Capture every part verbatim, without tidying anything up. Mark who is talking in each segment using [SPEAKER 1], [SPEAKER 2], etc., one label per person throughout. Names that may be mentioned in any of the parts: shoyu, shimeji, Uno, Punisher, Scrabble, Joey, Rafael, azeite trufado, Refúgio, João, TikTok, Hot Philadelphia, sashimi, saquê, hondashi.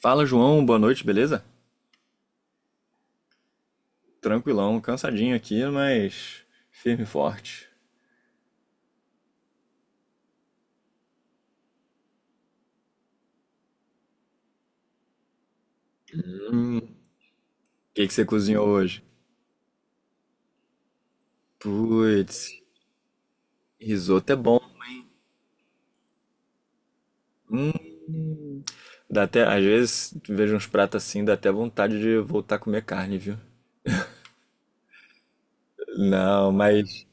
[SPEAKER 1] Fala, João, boa noite, beleza? Tranquilão, cansadinho aqui, mas firme e forte. O que que você cozinhou hoje? Putz, risoto é bom. Hum, dá até, às vezes vejo uns pratos assim, dá até vontade de voltar a comer carne, viu? Não, mas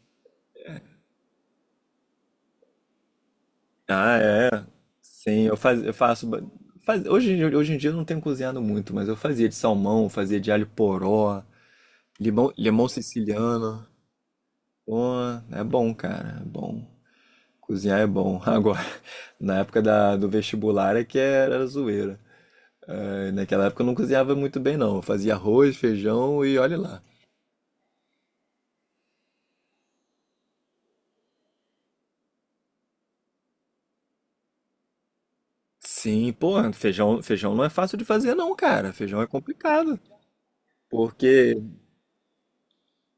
[SPEAKER 1] ah, é, sim, eu, faz, eu faço ba- faz- hoje, em- hoje em dia eu não tenho cozinhado muito, mas eu fazia de salmão, fazia de alho poró, limão, limão siciliano. Pô, é bom, cara, é bom. Cozinhar é bom. Agora, na época da- do vestibular é que era zoeira. É, naquela época eu não cozinhava muito bem, não. Eu fazia arroz, feijão e olha lá. Sim, pô, feijão, feijão não é fácil de fazer, não, cara. Feijão é complicado. Porque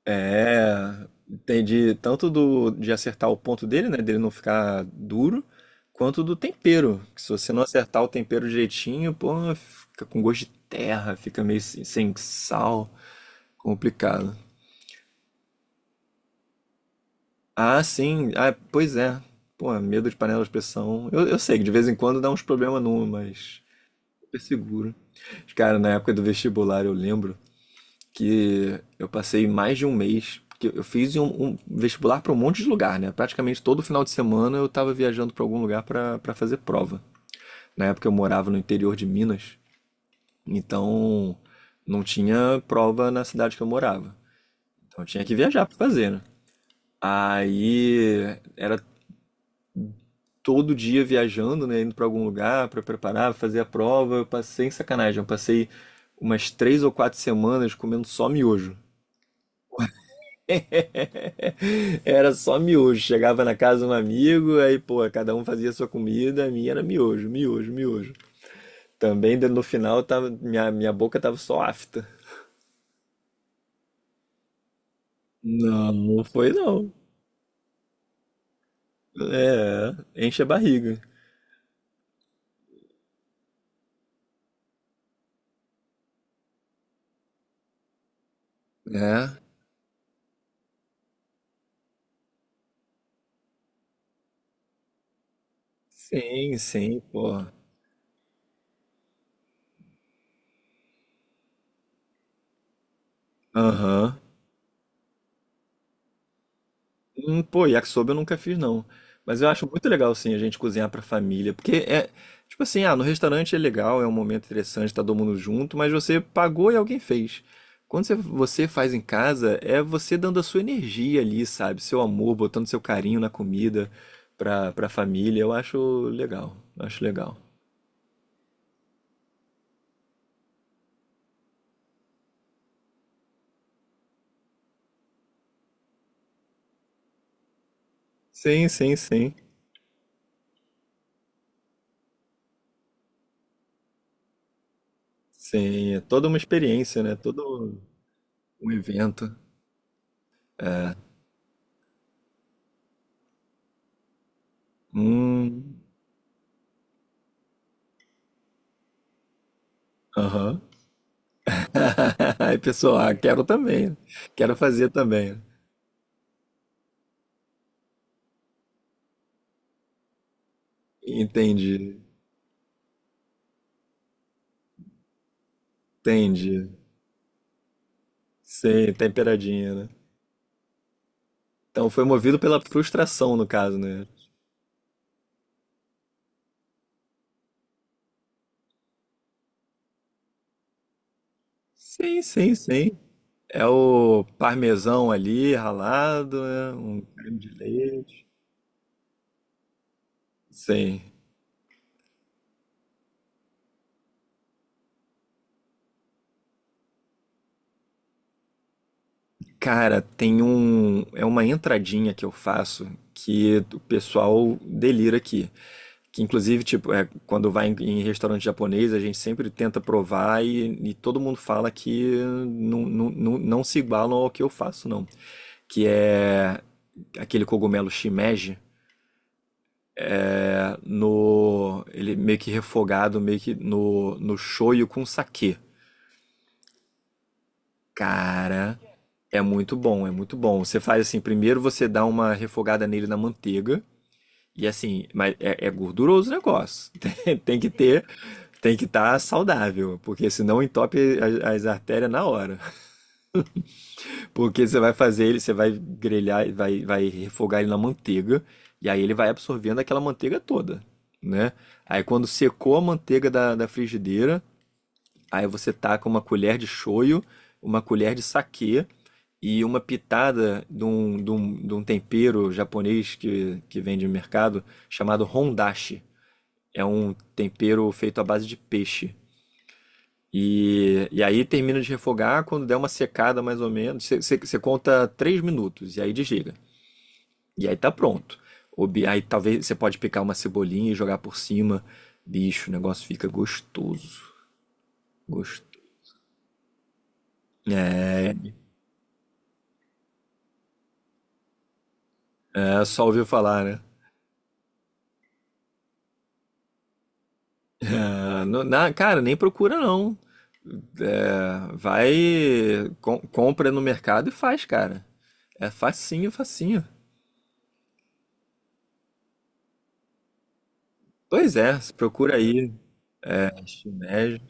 [SPEAKER 1] é. Entendi tanto do, de acertar o ponto dele, né? Dele não ficar duro, quanto do tempero. Que se você não acertar o tempero direitinho, pô, fica com gosto de terra, fica meio sem sem sal. Complicado. Ah, sim. Ah, pois é. Pô, medo de panela de pressão. Eu, eu sei que de vez em quando dá uns problemas numa, mas super seguro. Cara, na época do vestibular eu lembro que eu passei mais de um mês, porque eu fiz um, um vestibular para um monte de lugar, né? Praticamente todo final de semana eu tava viajando para algum lugar para para fazer prova. Na época eu morava no interior de Minas, então não tinha prova na cidade que eu morava. Então eu tinha que viajar para fazer, né? Aí era todo dia viajando, né, indo para algum lugar para preparar, fazer a prova. Eu passei, sacanagem, eu passei umas três ou quatro semanas comendo só miojo. Era só miojo. Chegava na casa de um amigo, aí, pô, cada um fazia a sua comida, a minha era miojo, miojo, miojo. Também no final tava, minha, minha boca tava só afta. Não, não foi não. É, enche a barriga. É. Sim, sim, pô. Aham. Hum, pô, yakisoba eu nunca fiz, não. Mas eu acho muito legal, assim, a gente cozinhar pra família. Porque é, tipo assim, ah, no restaurante é legal, é um momento interessante, tá todo mundo junto, mas você pagou e alguém fez. Quando você, você faz em casa, é você dando a sua energia ali, sabe? Seu amor, botando seu carinho na comida pra, pra família. Eu acho legal, acho legal. Sim, sim, sim. Sim, é toda uma experiência, né? Todo um evento. É. Hum, aham. Aí, pessoal, ah, quero também. Quero fazer também. Entendi, entendi. Sim, temperadinha, né? Então foi movido pela frustração, no caso, né? Sim, sim, sim. É o parmesão ali, ralado, né? Um creme de leite. Sim. Cara, tem um. É uma entradinha que eu faço que o pessoal delira aqui. Que inclusive, tipo, é, quando vai em, em restaurante japonês, a gente sempre tenta provar e, e todo mundo fala que não, não, não, não se igualam ao que eu faço, não. Que é aquele cogumelo shimeji, é, no, ele meio que refogado, meio que no, no shoyu com saquê. Cara, é muito bom, é muito bom. Você faz assim, primeiro você dá uma refogada nele na manteiga. E assim, mas é, é gorduroso o negócio. Tem, tem que ter, tem que estar saudável, porque senão entope as, as artérias na hora. Porque você vai fazer ele, você vai grelhar, vai, vai refogar ele na manteiga, e aí ele vai absorvendo aquela manteiga toda, né? Aí quando secou a manteiga da, da frigideira, aí você taca uma colher de shoyu, uma colher de saquê e uma pitada de um, de um, de um tempero japonês que, que vende no mercado chamado hondashi. É um tempero feito à base de peixe. E, e aí termina de refogar quando der uma secada mais ou menos. Você você você conta três minutos e aí desliga. E aí tá pronto. Ou bi- aí talvez você pode picar uma cebolinha e jogar por cima. Bicho, o negócio fica gostoso. Gostoso. É, é, só ouviu falar, né? É, no- na, cara, nem procura não. É, vai, com- compra no mercado e faz, cara. É facinho, facinho. Pois é, procura aí. Shimeji,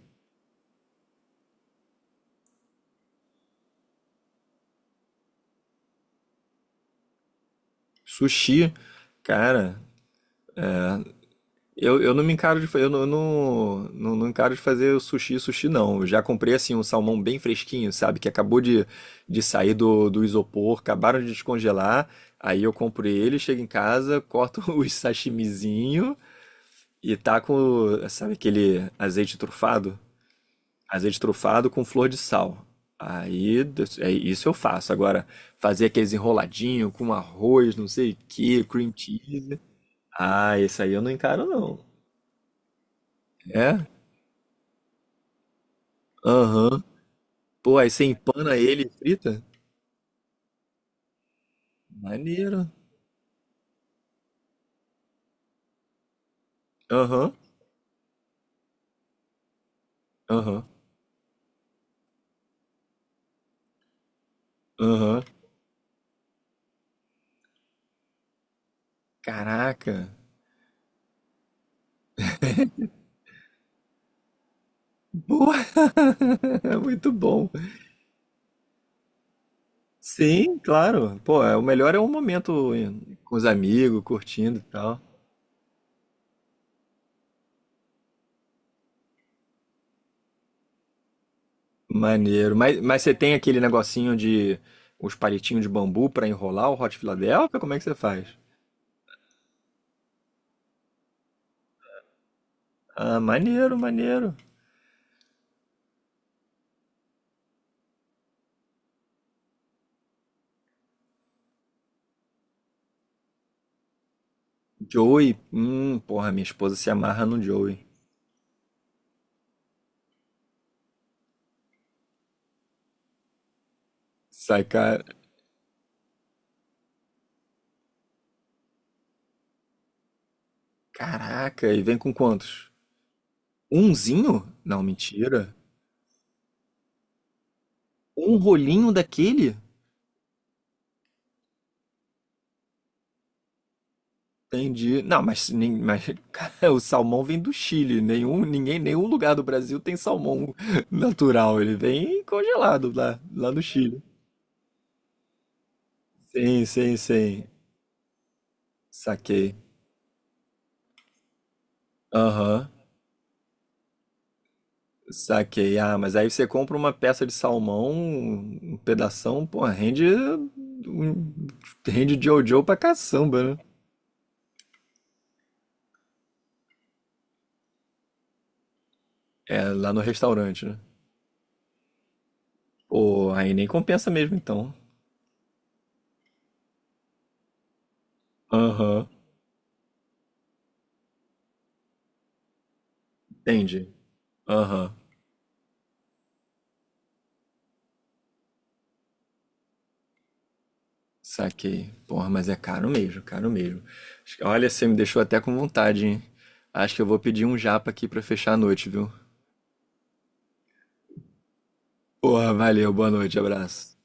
[SPEAKER 1] sushi, cara, eu, eu não me encaro de fa- eu não, eu não, não, não encaro de fazer o sushi, sushi não. Eu já comprei assim um salmão bem fresquinho, sabe, que acabou de, de sair do, do isopor, acabaram de descongelar. Aí eu compro ele, chego em casa, corto os sashimizinho e taco, sabe aquele azeite trufado? Azeite trufado com flor de sal. Aí, des- é isso eu faço. Agora, fazer aqueles enroladinho com arroz, não sei o que, cream cheese. Ah, esse aí eu não encaro, não. É? Aham. Pô, aí você empana ele e frita? Maneiro. Aham, aham, aham. Caraca. Boa! Muito bom. Sim, claro. Pô, é, o melhor é um momento em- com os amigos, curtindo e tal. Maneiro. Mas, mas você tem aquele negocinho de os palitinhos de bambu pra enrolar o Hot Philadelphia? Como é que você faz? Ah, maneiro, maneiro. Joey. Hum, porra, minha esposa se amarra no Joey. Sai, cara. Caraca, e vem com quantos? Umzinho? Não, mentira. Um rolinho daquele? Entendi. Não, mas, nem- mas cara, o salmão vem do Chile. Nenhum, ninguém, nenhum lugar do Brasil tem salmão natural. Ele vem congelado lá, lá do Chile. Sim, sim, sim. Saquei. Aham. Saquei. Ah, mas aí você compra uma peça de salmão, um pedação, pô, rende, um- rende Jojo pra caçamba, né? É, lá no restaurante, né? Pô, aí nem compensa mesmo então. Aham, entendi. Aham, saquei. Porra, mas é caro mesmo, caro mesmo. Acho que- Olha, você me deixou até com vontade, hein? Acho que eu vou pedir um japa aqui pra fechar a noite, viu? Porra, valeu, boa noite, abraço.